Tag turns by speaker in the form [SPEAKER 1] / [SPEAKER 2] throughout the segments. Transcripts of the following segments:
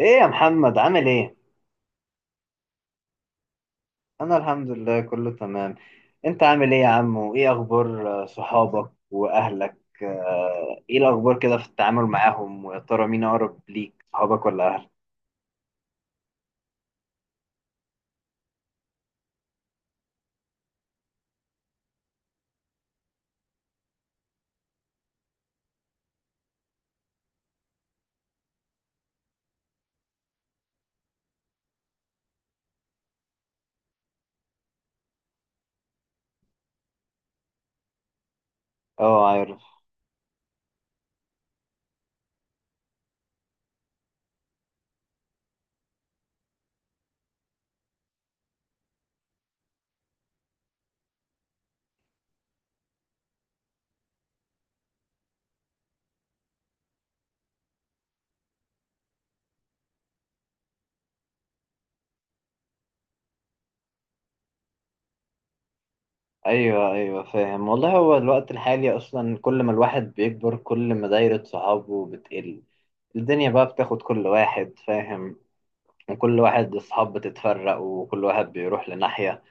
[SPEAKER 1] ايه يا محمد عامل ايه؟ انا الحمد لله كله تمام. انت عامل ايه يا عم وايه اخبار صحابك واهلك؟ ايه الاخبار كده في التعامل معاهم ويا ترى مين اقرب ليك صحابك ولا اهلك؟ اه عارف. ايوه ايوه فاهم. والله هو الوقت الحالي اصلا كل ما الواحد بيكبر كل ما دايرة صحابه بتقل. الدنيا بقى بتاخد كل واحد، فاهم، وكل واحد الصحاب بتتفرق وكل واحد بيروح لناحية.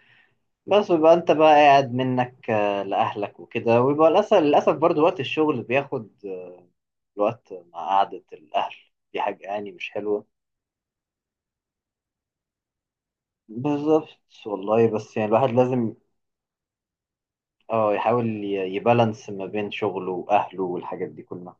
[SPEAKER 1] بس بيبقى انت بقى قاعد منك لاهلك وكده، ويبقى للاسف برضو وقت الشغل بياخد الوقت مع قعدة الاهل. دي حاجة يعني مش حلوة. بالظبط. والله بس يعني الواحد لازم اه يحاول يبالانس ما بين شغله واهله والحاجات دي كلها.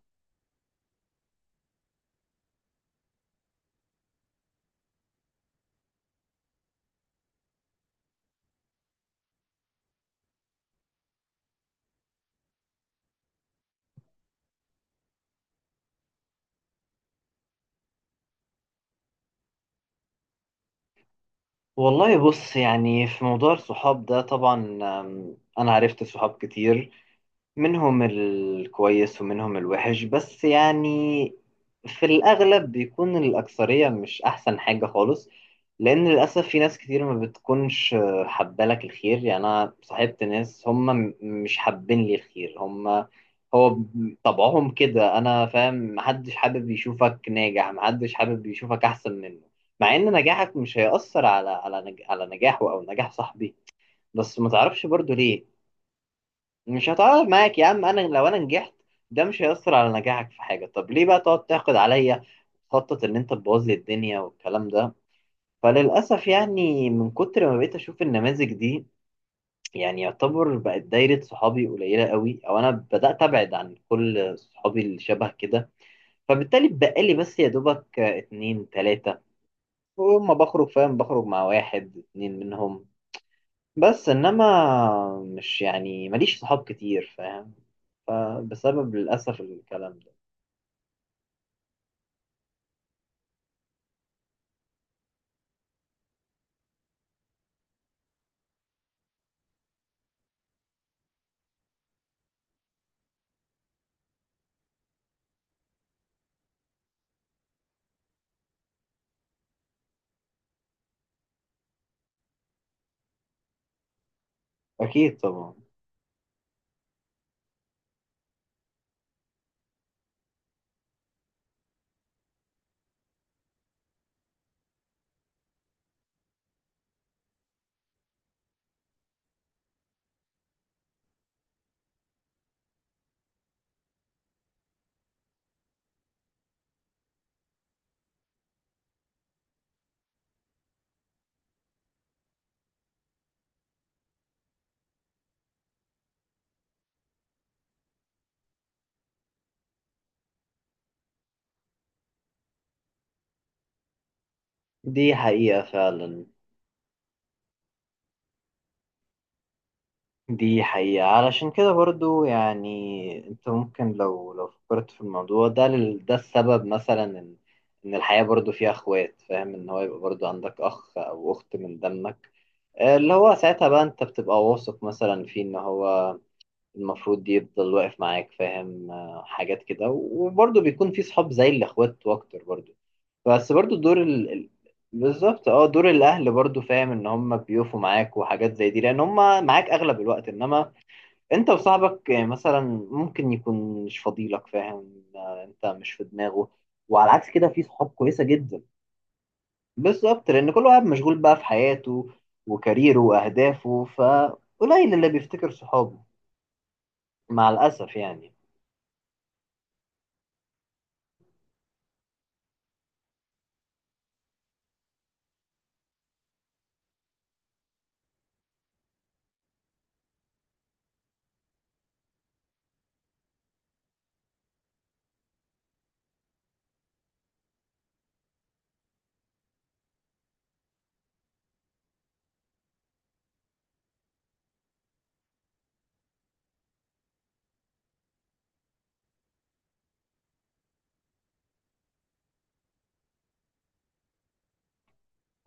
[SPEAKER 1] والله بص يعني في موضوع الصحاب ده طبعا، انا عرفت صحاب كتير، منهم الكويس ومنهم الوحش، بس يعني في الأغلب بيكون الأكثرية مش أحسن حاجة خالص. لأن للأسف في ناس كتير ما بتكونش حبالك الخير، يعني أنا صاحبت ناس هم مش حابين لي الخير. هم هو طبعهم كده. أنا فاهم محدش حابب يشوفك ناجح، محدش حابب يشوفك أحسن منه، مع إن نجاحك مش هيأثر على على نجاحه أو نجاح صاحبي. بس ما تعرفش برضو ليه. مش هتعرف معاك يا عم، انا لو انا نجحت ده مش هيأثر على نجاحك في حاجة. طب ليه بقى تقعد تحقد عليا وتخطط ان انت تبوظ لي الدنيا والكلام ده؟ فللأسف يعني من كتر ما بقيت اشوف النماذج دي، يعني يعتبر بقت دايرة صحابي قليلة قوي، او انا بدأت ابعد عن كل صحابي اللي شبه كده. فبالتالي بقالي بس يا دوبك اتنين تلاتة، وما بخرج، فاهم، بخرج مع واحد اتنين منهم بس. انما مش يعني ماليش صحاب كتير، فاهم، فبسبب للأسف الكلام ده. أكيد طبعا. دي حقيقة فعلا. دي حقيقة علشان كده برضو، يعني أنت ممكن لو فكرت في الموضوع ده ده السبب مثلا إن الحياة برضو فيها أخوات، فاهم، إن هو يبقى برضو عندك أخ أو أخت من دمك، اللي هو ساعتها بقى أنت بتبقى واثق مثلا فيه إن هو المفروض يفضل واقف معاك، فاهم، حاجات كده. وبرضو بيكون في صحاب زي الأخوات وأكتر برضو. بس برضو دور بالظبط اه دور الاهل برضو، فاهم، ان هم بيقفوا معاك وحاجات زي دي لان هم معاك اغلب الوقت. انما انت وصاحبك مثلا ممكن يكون مش فضيلك، فاهم، انت مش في دماغه. وعلى عكس كده في صحاب كويسة جدا. بالظبط لان كل واحد مشغول بقى في حياته وكاريره واهدافه، فقليل اللي بيفتكر صحابه، مع الاسف يعني.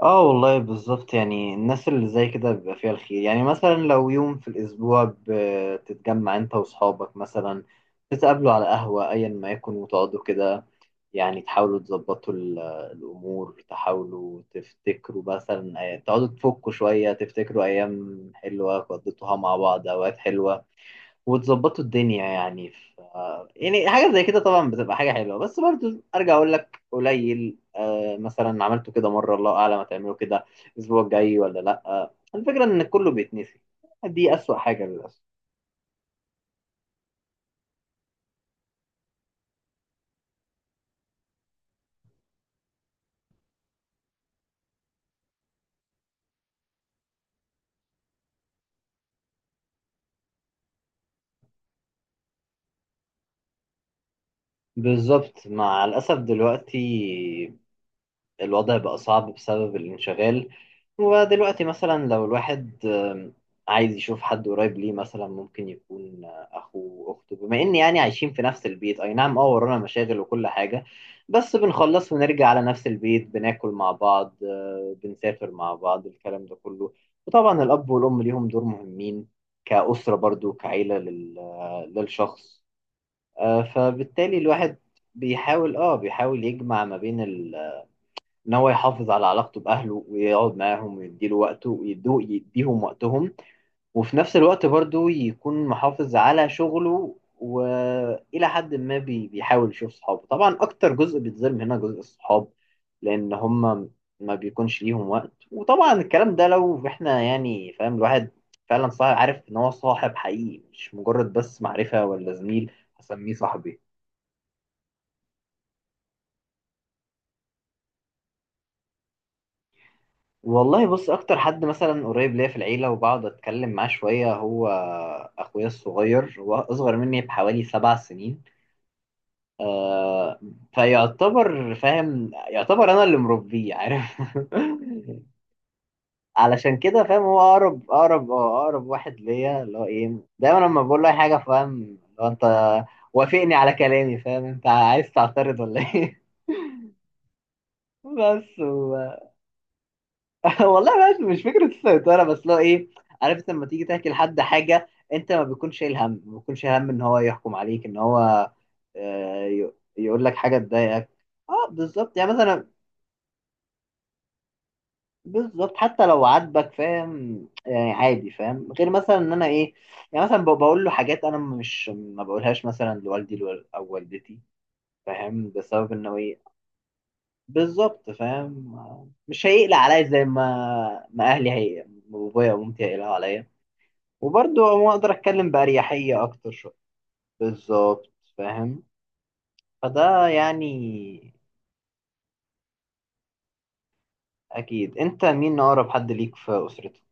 [SPEAKER 1] اه والله بالظبط، يعني الناس اللي زي كده بيبقى فيها الخير، يعني مثلا لو يوم في الأسبوع بتتجمع أنت وأصحابك مثلا تتقابلوا على قهوة أيا ما يكن وتقعدوا كده، يعني تحاولوا تظبطوا الأمور، تحاولوا تفتكروا مثلا تقعدوا تفكوا شوية، تفتكروا أيام حلوة قضيتوها مع بعض، أوقات حلوة، وتظبطوا الدنيا يعني يعني حاجة زي كده طبعا بتبقى حاجة حلوة. بس برضو أرجع أقول لك قليل. آه مثلا عملته كده مرة، الله أعلم هتعمله كده الأسبوع الجاي ولا لأ. آه الفكرة إن كله بيتنسي، دي أسوأ حاجة للأسف. بالظبط. مع الأسف دلوقتي الوضع بقى صعب بسبب الانشغال. ودلوقتي مثلا لو الواحد عايز يشوف حد قريب ليه مثلا ممكن يكون أخوه أخته، بما إن يعني عايشين في نفس البيت. أي نعم، أه ورانا مشاغل وكل حاجة، بس بنخلص ونرجع على نفس البيت بناكل مع بعض، بنسافر مع بعض الكلام ده كله. وطبعا الأب والأم ليهم دور مهمين كأسرة برضو، كعيلة للشخص. فبالتالي الواحد بيحاول يجمع ما بين ال ان هو يحافظ على علاقته باهله ويقعد معاهم ويديله وقته ويدوه يديهم وقتهم. وفي نفس الوقت برضو يكون محافظ على شغله، والى حد ما بيحاول يشوف صحابه. طبعا اكتر جزء بيتظلم هنا جزء الصحاب لان هم ما بيكونش ليهم وقت. وطبعا الكلام ده لو احنا يعني، فاهم، الواحد فعلا صاحب عارف ان هو صاحب حقيقي مش مجرد بس معرفة ولا زميل هسميه صاحبي. والله بص اكتر حد مثلا قريب ليا في العيله وبقعد اتكلم معاه شويه هو اخويا الصغير. هو اصغر مني بحوالي 7 سنين. آه فيعتبر، فاهم، يعتبر انا اللي مربيه، عارف. علشان كده، فاهم، هو اقرب واحد ليا، اللي هو ايه، دايما لما بقول له اي حاجه، فاهم، لو انت وافقني على كلامي، فاهم، انت عايز تعترض ولا ايه؟ بس والله بس مش فكرة السيطرة، بس لو ايه، عرفت، لما تيجي تحكي لحد حاجة انت ما بيكونش شايل هم، ان هو يحكم عليك، ان هو يقول لك حاجة تضايقك. اه بالظبط يعني مثلا، بالظبط حتى لو عاتبك، فاهم، يعني عادي، فاهم، غير مثلا ان انا ايه، يعني مثلا بقول له حاجات انا مش ما بقولهاش مثلا لوالدي او والدتي، فاهم، بسبب انه ايه، بالظبط، فاهم، مش هيقلق عليا زي ما اهلي هي بابايا ومامتي هيقلقوا عليا. وبرضه ما اقدر اتكلم باريحيه اكتر شويه، بالظبط، فاهم، فده يعني. اكيد، انت مين اقرب حد ليك في اسرتك؟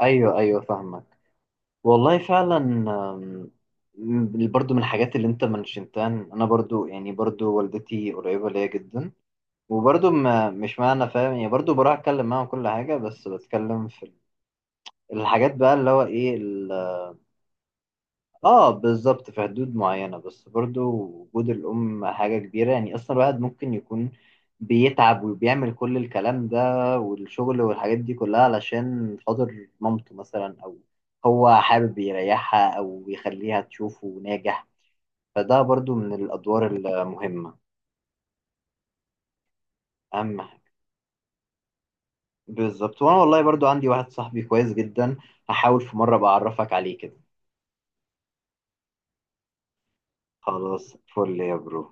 [SPEAKER 1] ايوه ايوه فاهمك. والله فعلا برضه من الحاجات اللي انت منشنتها إن انا برضه يعني برضه والدتي قريبه ليا جدا. وبرضه ما مش معنى، فاهم، يعني برضه بروح اتكلم معاها كل حاجه، بس بتكلم في الحاجات بقى اللي هو ايه. اه بالظبط في حدود معينة، بس برضو وجود الأم حاجة كبيرة. يعني أصلا الواحد ممكن يكون بيتعب وبيعمل كل الكلام ده والشغل والحاجات دي كلها علشان خاطر مامته مثلا، أو هو حابب يريحها أو يخليها تشوفه ناجح، فده برضو من الأدوار المهمة. أهم حاجة. بالظبط. وأنا والله برضو عندي واحد صاحبي كويس جدا، هحاول في مرة بعرفك عليه كده. خلاص فل يا برو.